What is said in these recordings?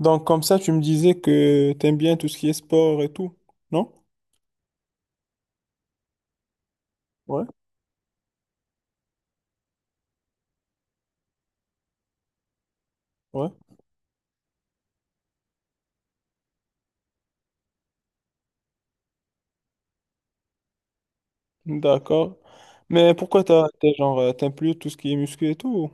Donc, comme ça, tu me disais que t'aimes bien tout ce qui est sport et tout, non? Ouais, ouais, d'accord. Mais pourquoi t'es genre, t'aimes plus tout ce qui est muscu et tout?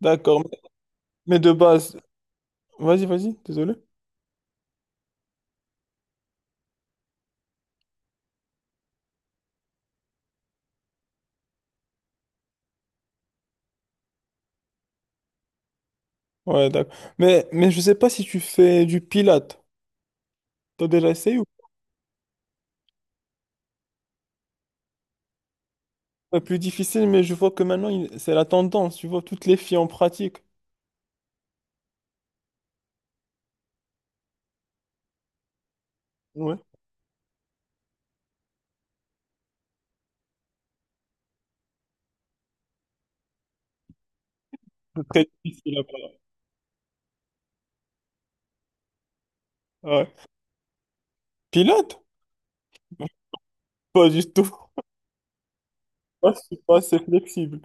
D'accord, mais de base, vas-y, vas-y, désolé. Ouais, d'accord. Mais je sais pas si tu fais du pilates. T'as déjà essayé ou pas plus difficile, mais je vois que maintenant, c'est la tendance. Tu vois, toutes les filles en pratiquent. Ouais, c'est très difficile à part. Ouais. Pilates? Pas du tout. Moi, je suis pas assez flexible.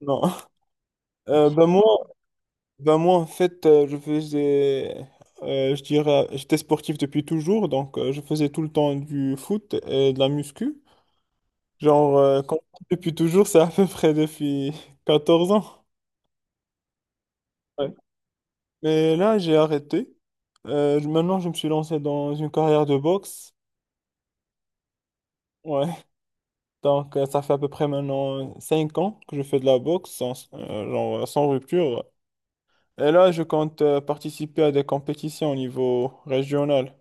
Non. Euh, ben moi, Ben moi, en fait, je faisais, je dirais, j'étais sportif depuis toujours, donc je faisais tout le temps du foot et de la muscu. Genre, depuis toujours, c'est à peu près depuis 14 ans. Ouais. Mais là, j'ai arrêté. Maintenant, je me suis lancé dans une carrière de boxe. Ouais, donc ça fait à peu près maintenant 5 ans que je fais de la boxe, sans, genre sans rupture. Et là, je compte participer à des compétitions au niveau régional.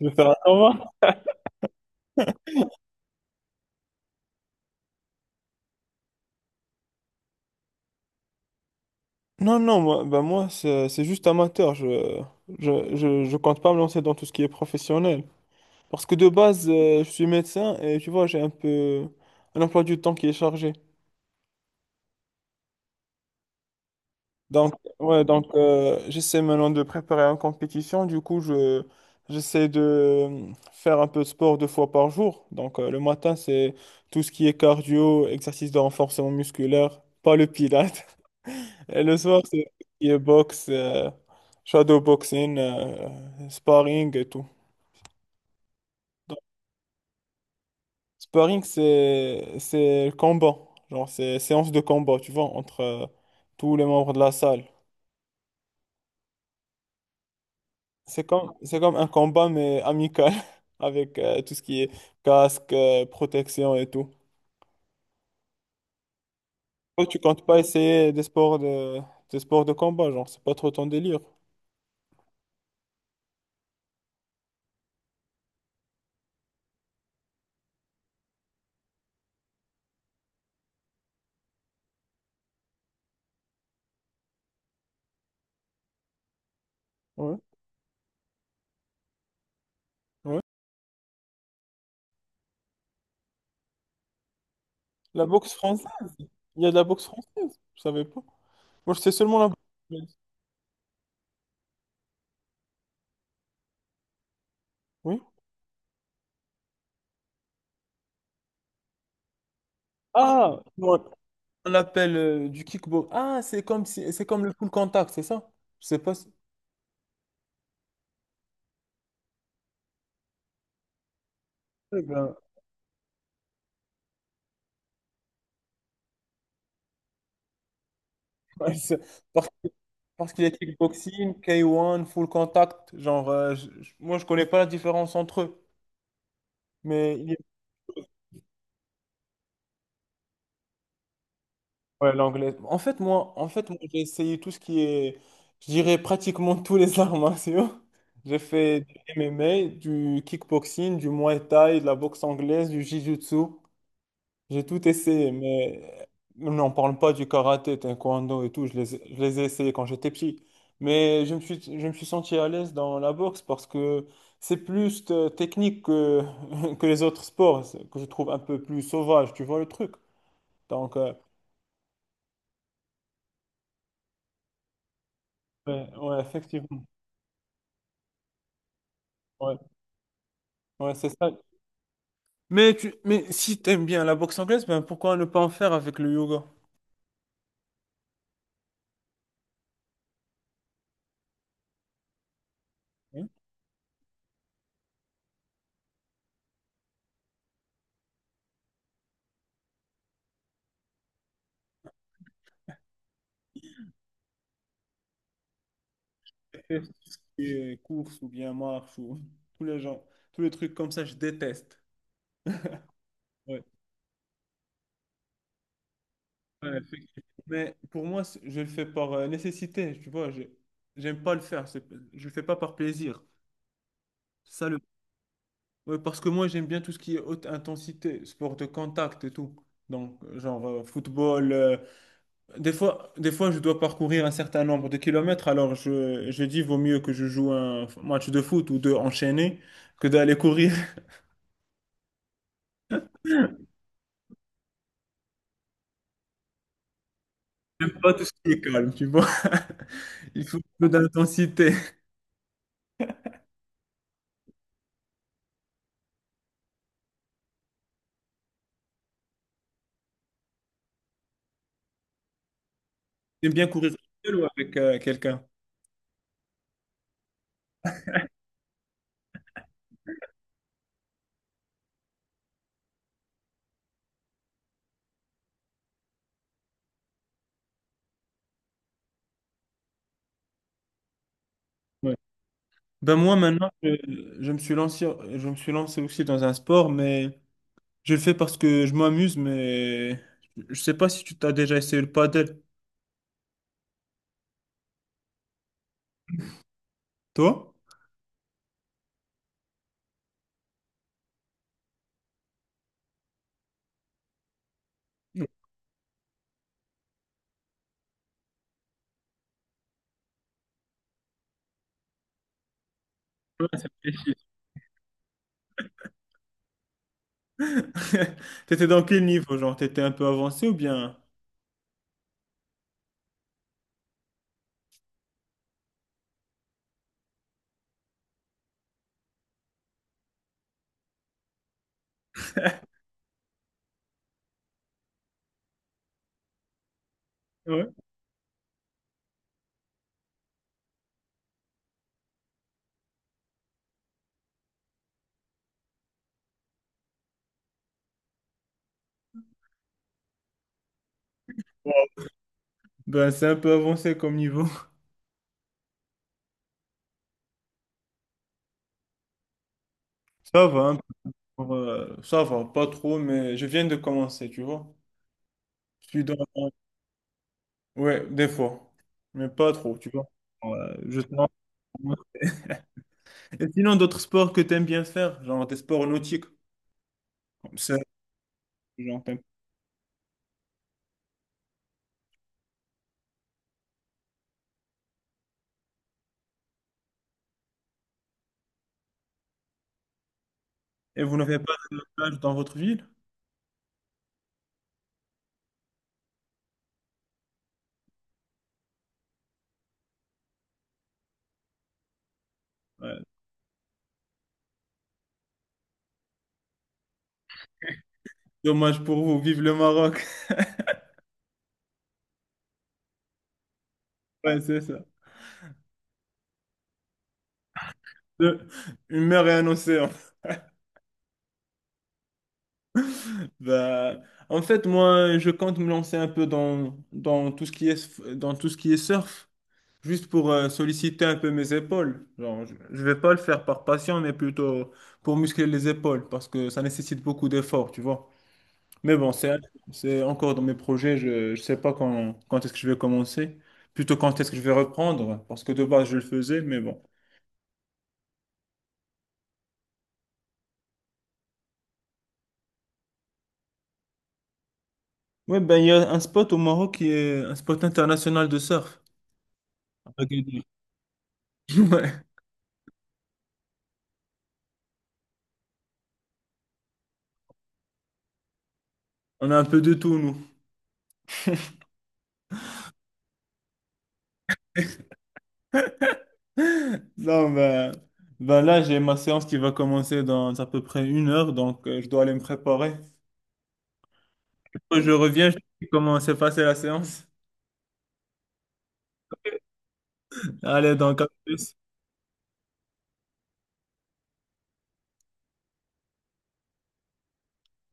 Je vais faire un combat. Non, non, moi, bah moi c'est juste amateur. Je compte pas me lancer dans tout ce qui est professionnel. Parce que de base, je suis médecin et tu vois, j'ai un peu un emploi du temps qui est chargé. Donc, ouais, donc j'essaie maintenant de préparer une compétition. Du coup, j'essaie de faire un peu de sport 2 fois par jour. Donc, le matin, c'est tout ce qui est cardio, exercice de renforcement musculaire, pas le pilates. Et le soir, c'est tout ce qui est boxe, shadow boxing, sparring et tout. Donc, sparring, c'est le combat, genre c'est séance de combat, tu vois, entre tous les membres de la salle. C'est comme un combat mais amical avec tout ce qui est casque, protection et tout. Toi, tu comptes pas essayer des sports de combat, genre, c'est pas trop ton délire. Ouais, ouais. La boxe française, il y a de la boxe française, je savais pas. Moi, je sais seulement la boxe anglaise. Oui. Ah, ouais. On appelle du kickbox. Ah, c'est comme si, c'est comme le full contact, c'est ça? Je sais pas si. Eh ben, ouais, parce que- parce qu'il y a kickboxing, K1, full contact. Genre, moi, je connais pas la différence entre eux. Mais il y a- ouais, l'anglais. En fait, moi, j'ai essayé tout ce qui est, je dirais pratiquement tous les arts martiaux. J'ai fait du MMA, du kickboxing, du Muay Thai, de la boxe anglaise, du Jiu-Jitsu. J'ai tout essayé, mais n'en parle pas du karaté, taekwondo et tout. Je les ai essayés quand j'étais petit. Mais je me suis senti à l'aise dans la boxe parce que c'est plus technique que, que les autres sports, que je trouve un peu plus sauvage. Tu vois le truc? Donc, ouais, ouais, effectivement. Ouais, ouais, c'est ça. Mais si tu aimes bien la boxe anglaise, ben pourquoi ne pas en faire avec le yoga? Hein. Tout ce qui est course ou bien marche ou tous les gens, tous les trucs comme ça, je déteste. Ouais. Ouais, effectivement. Mais pour moi, je le fais par nécessité, tu vois. J'aime pas le faire. Je le fais pas par plaisir. Ça le... ouais, parce que moi, j'aime bien tout ce qui est haute intensité, sport de contact et tout. Donc, genre football. Des fois, je dois parcourir un certain nombre de kilomètres. Alors, je dis, vaut mieux que je joue un match de foot ou deux enchaînés que d'aller courir. J'aime pas tout ce qui est calme, tu vois. Il faut un peu d'intensité. J'aime bien courir seul ou avec quelqu'un. Ouais. Ben moi maintenant, je me suis lancé, je me suis lancé aussi dans un sport, mais je le fais parce que je m'amuse, mais je sais pas si tu t'as déjà essayé le padel, toi? Ouais, ça me fait chier. T'étais dans quel niveau? Genre, t'étais un peu avancé ou bien? Ouais. Ben c'est un peu avancé comme niveau. Ça va, un peu, Ça va, pas trop, mais je viens de commencer, tu vois. Je suis dans. Ouais, des fois, mais pas trop, tu vois. Ouais, je. Et sinon, d'autres sports que tu aimes bien faire, genre des sports nautiques, comme ça, genre, et vous n'avez pas de plage dans votre ville? Ouais. Dommage pour vous, vive le Maroc. Ouais, c'est ça. Deux- Une mer et un océan. Bah, en fait, moi, je compte me lancer un peu dans tout ce qui est surf, juste pour solliciter un peu mes épaules. Genre, je ne vais pas le faire par passion, mais plutôt pour muscler les épaules, parce que ça nécessite beaucoup d'efforts, tu vois. Mais bon, c'est encore dans mes projets. Je ne sais pas quand est-ce que je vais commencer. Plutôt quand est-ce que je vais reprendre. Parce que de base, je le faisais, mais bon. Ouais, ben, il y a un spot au Maroc qui est un spot international de surf. À Agadir. Ouais, on a un peu de tout, nous. Non, ben là, j'ai ma séance qui va commencer dans à peu près 1 heure, donc je dois aller me préparer. Quand je reviens, je te dis comment s'est passée la séance. Allez, donc à plus.